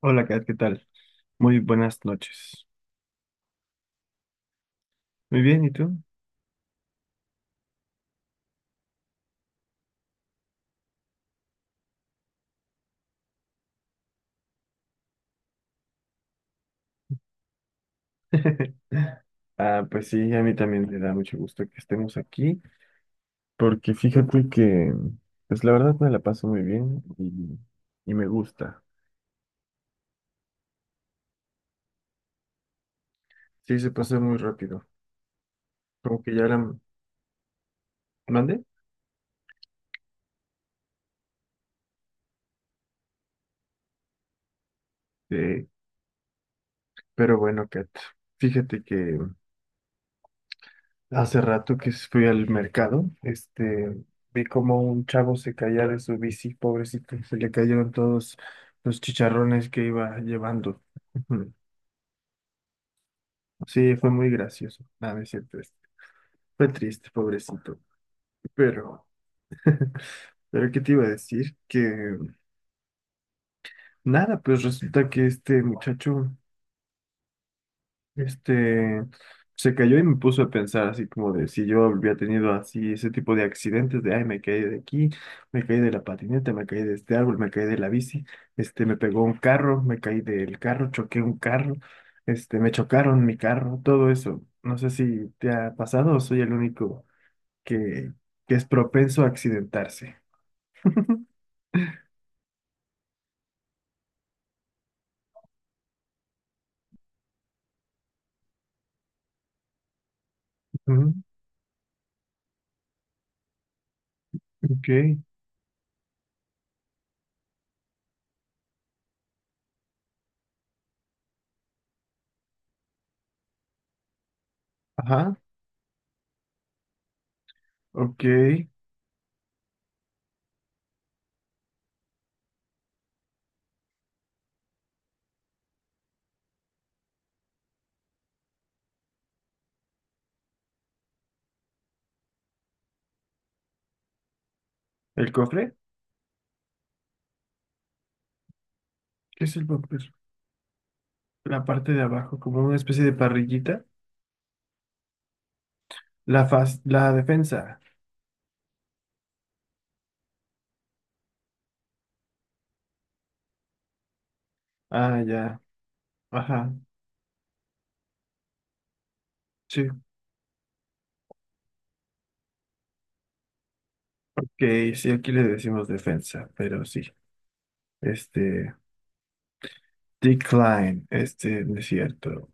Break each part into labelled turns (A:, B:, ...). A: Hola, Kat, ¿qué tal? Muy buenas noches. Muy bien, ¿y tú? Ah, pues sí, a mí también me da mucho gusto que estemos aquí, porque fíjate que pues la verdad me la paso muy bien y me gusta. Sí, se pasa muy rápido, como que ya la mandé. Sí, pero bueno, Kat, fíjate que hace rato que fui al mercado, vi como un chavo se caía de su bici, pobrecito, se le cayeron todos los chicharrones que iba llevando. Sí, fue muy gracioso. Nada, no es cierto. Fue triste, pobrecito. Pero, pero ¿qué te iba a decir? Que nada, pues resulta que este muchacho, este, se cayó y me puso a pensar así como de si yo había tenido así ese tipo de accidentes de, ay, me caí de aquí, me caí de la patineta, me caí de este árbol, me caí de la bici, me pegó un carro, me caí del carro, choqué un carro, me chocaron mi carro, todo eso. No sé si te ha pasado o soy el único que, que es propenso a accidentarse. Ujú, ok, ajá, ok. ¿El cofre? ¿Qué es el cofre? La parte de abajo, como una especie de parrillita. La faz, la defensa. Ah, ya, ajá, sí. Ok, sí, aquí le decimos defensa, pero sí. Este, decline, no es cierto.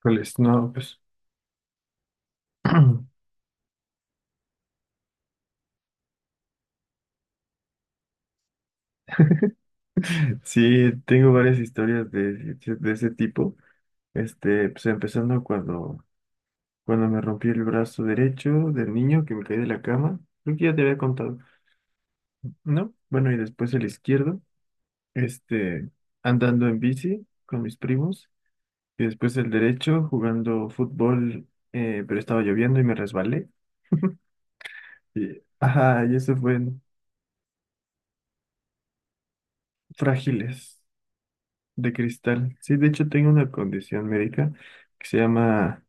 A: ¿Cuál es? No, pues. Sí, tengo varias historias de ese tipo. Pues empezando cuando me rompí el brazo derecho del niño que me caí de la cama. Creo que ya te había contado, ¿no? Bueno, y después el izquierdo, este, andando en bici con mis primos. Y después el derecho, jugando fútbol, pero estaba lloviendo y me resbalé. Y, ajá, y eso fue en frágiles de cristal. Sí, de hecho tengo una condición médica que se llama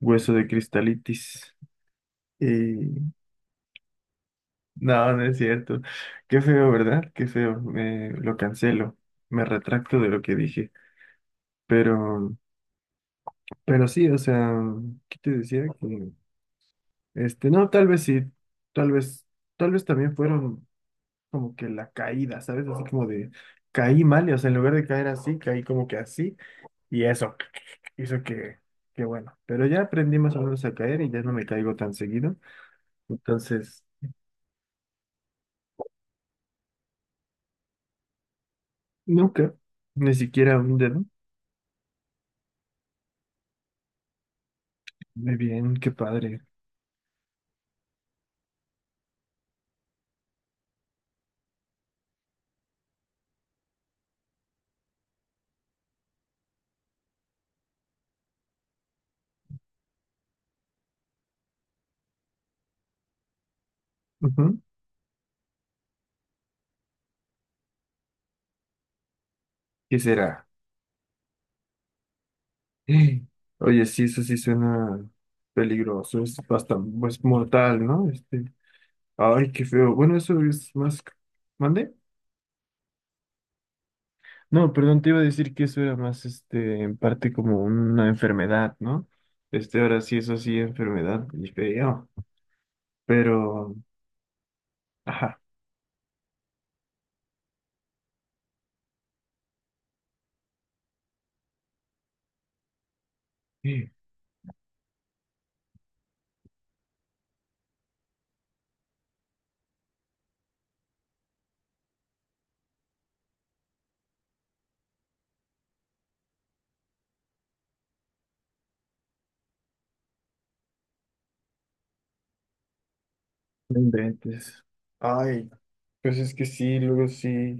A: hueso de cristalitis. No, no es cierto. Qué feo, ¿verdad? Qué feo. Me, lo cancelo. Me retracto de lo que dije. Pero, pero sí, o sea, ¿qué te decía? No, tal vez sí. Tal vez, tal vez también fueron como que la caída, ¿sabes? Así como de caí mal, y, o sea, en lugar de caer así, caí como que así. Y eso hizo que bueno. Pero ya aprendí más o menos a caer y ya no me caigo tan seguido. Entonces, nunca, ni siquiera un dedo. Muy bien, qué padre. Ujú. ¿Qué será? Eh, Oye, sí, eso sí suena peligroso, es bastante, es mortal, ¿no? Ay, qué feo. Bueno, eso es más, ¿mande? No, perdón, te iba a decir que eso era más, en parte como una enfermedad, ¿no? Ahora sí, eso sí, enfermedad, y feo. Pero, ajá, eh, no inventes. Ay, pues es que sí, luego sí.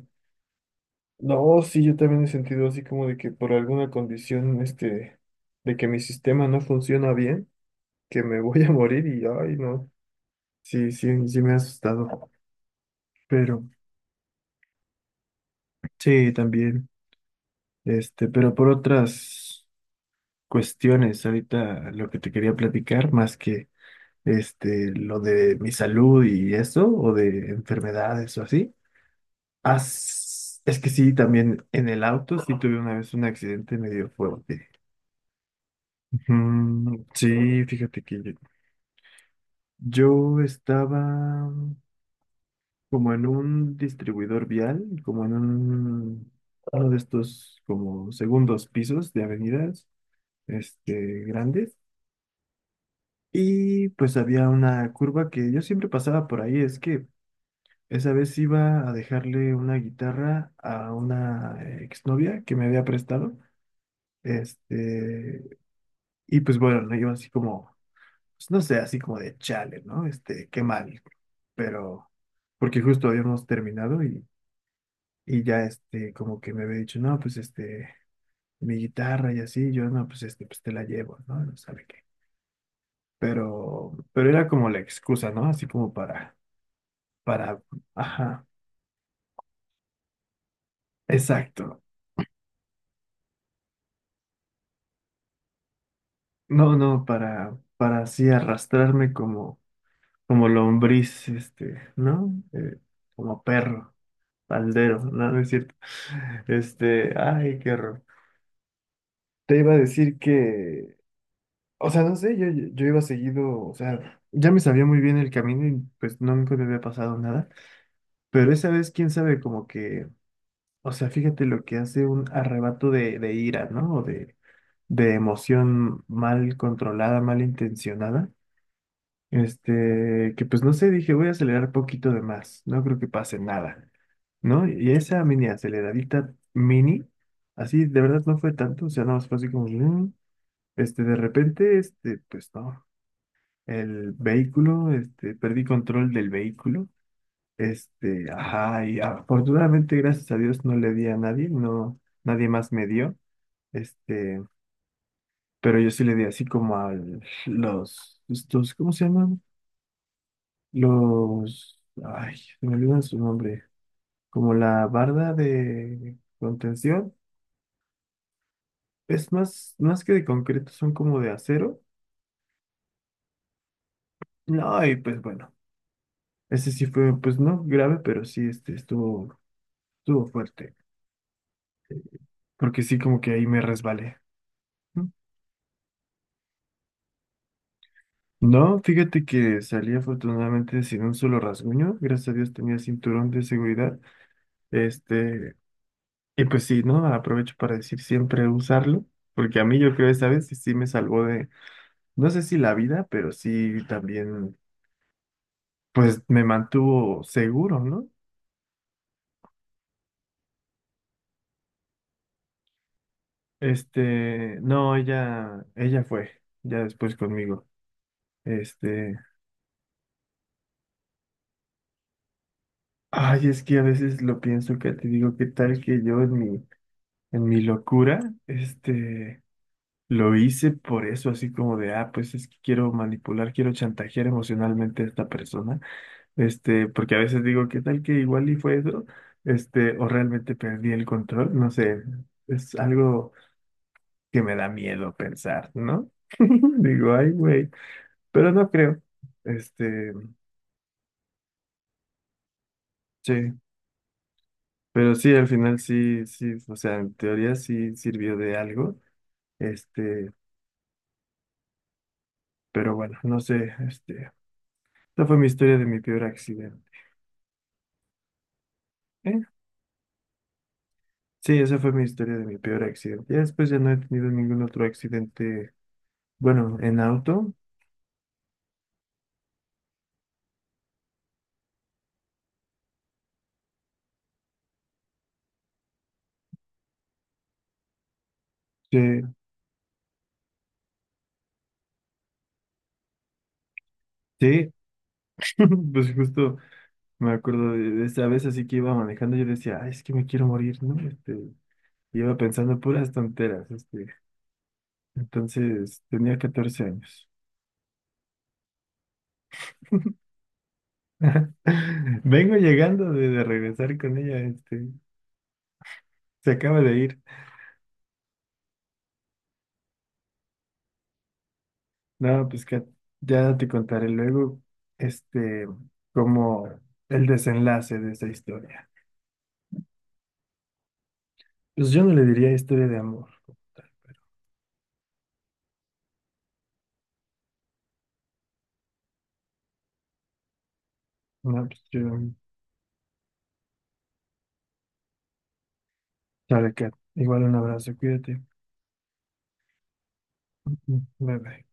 A: No, sí, yo también he sentido así como de que por alguna condición, de que mi sistema no funciona bien, que me voy a morir y, ay, no, sí, sí, sí me ha asustado. Pero, sí, también, pero por otras cuestiones, ahorita lo que te quería platicar, más lo de mi salud y eso, o de enfermedades o así, as- es que sí, también en el auto sí tuve una vez un accidente medio fuerte. Mm, sí, fíjate que yo estaba como en un distribuidor vial, como en un, uno de estos como segundos pisos de avenidas, grandes, y pues había una curva que yo siempre pasaba por ahí, es que esa vez iba a dejarle una guitarra a una exnovia que me había prestado, este, y pues bueno, la iba así como pues, no sé, así como de chale, ¿no? Qué mal. Pero, porque justo habíamos terminado y ya, como que me había dicho, no, pues, mi guitarra y así, yo, no, pues, pues te la llevo, ¿no? No sabe qué. Pero era como la excusa, ¿no? Así como para, ajá, exacto. No, no, para así arrastrarme como, como lombriz, ¿no? Como perro, faldero, ¿no? No es cierto. Ay, qué horror. Te iba a decir que o sea, no sé, yo, yo iba seguido, o sea, ya me sabía muy bien el camino y pues nunca me había pasado nada, pero esa vez, quién sabe, como que, o sea, fíjate lo que hace un arrebato de ira, ¿no? O de emoción mal controlada, mal intencionada, que pues no sé, dije, voy a acelerar poquito de más, no creo que pase nada, ¿no? Y esa mini aceleradita mini, así, de verdad no fue tanto, o sea, nada más fue así como... "Mm". De repente, pues no, el vehículo, perdí control del vehículo, ajá, y afortunadamente, gracias a Dios, no le di a nadie, no, nadie más me dio, este, pero yo sí le di así como a los, estos, ¿cómo se llaman? Los, ay, se me olvidan su nombre, como la barda de contención, es más, más que de concreto, son como de acero, no, y pues bueno. Ese sí fue, pues no grave, pero sí estuvo, estuvo fuerte. Porque sí, como que ahí me resbalé. No, fíjate que salí afortunadamente sin un solo rasguño. Gracias a Dios tenía cinturón de seguridad. Este, y pues sí, ¿no? Aprovecho para decir siempre usarlo. Porque a mí yo creo esta vez sí, sí me salvó de, no sé si la vida, pero sí también, pues me mantuvo seguro, ¿no? No, ella, ella fue, ya después conmigo. Este. Ay, es que a veces lo pienso que te digo, qué tal que yo en mi locura, este, lo hice por eso, así como de, ah, pues es que quiero manipular, quiero chantajear emocionalmente a esta persona, porque a veces digo, qué tal que igual y fue eso, o realmente perdí el control, no sé, es algo que me da miedo pensar, ¿no? Digo, ay, güey, pero no creo, este, sí, pero sí, al final sí, sí, o sea, en teoría sí sirvió de algo. Este, pero bueno, no sé, esa fue mi historia de mi peor accidente. ¿Eh? Sí, esa fue mi historia de mi peor accidente. Ya después ya no he tenido ningún otro accidente, bueno, en auto. Sí, sí, pues justo me acuerdo de esa vez así que iba manejando, yo decía, "Ay, es que me quiero morir, ¿no? Iba pensando puras tonteras, este. Entonces tenía 14 años. Vengo llegando de regresar con ella, se acaba de ir. No, pues que ya te contaré luego, este, como el desenlace de esa historia. Pues yo no le diría historia de amor. No, pues yo, sabe que igual un abrazo, cuídate. Bye bye.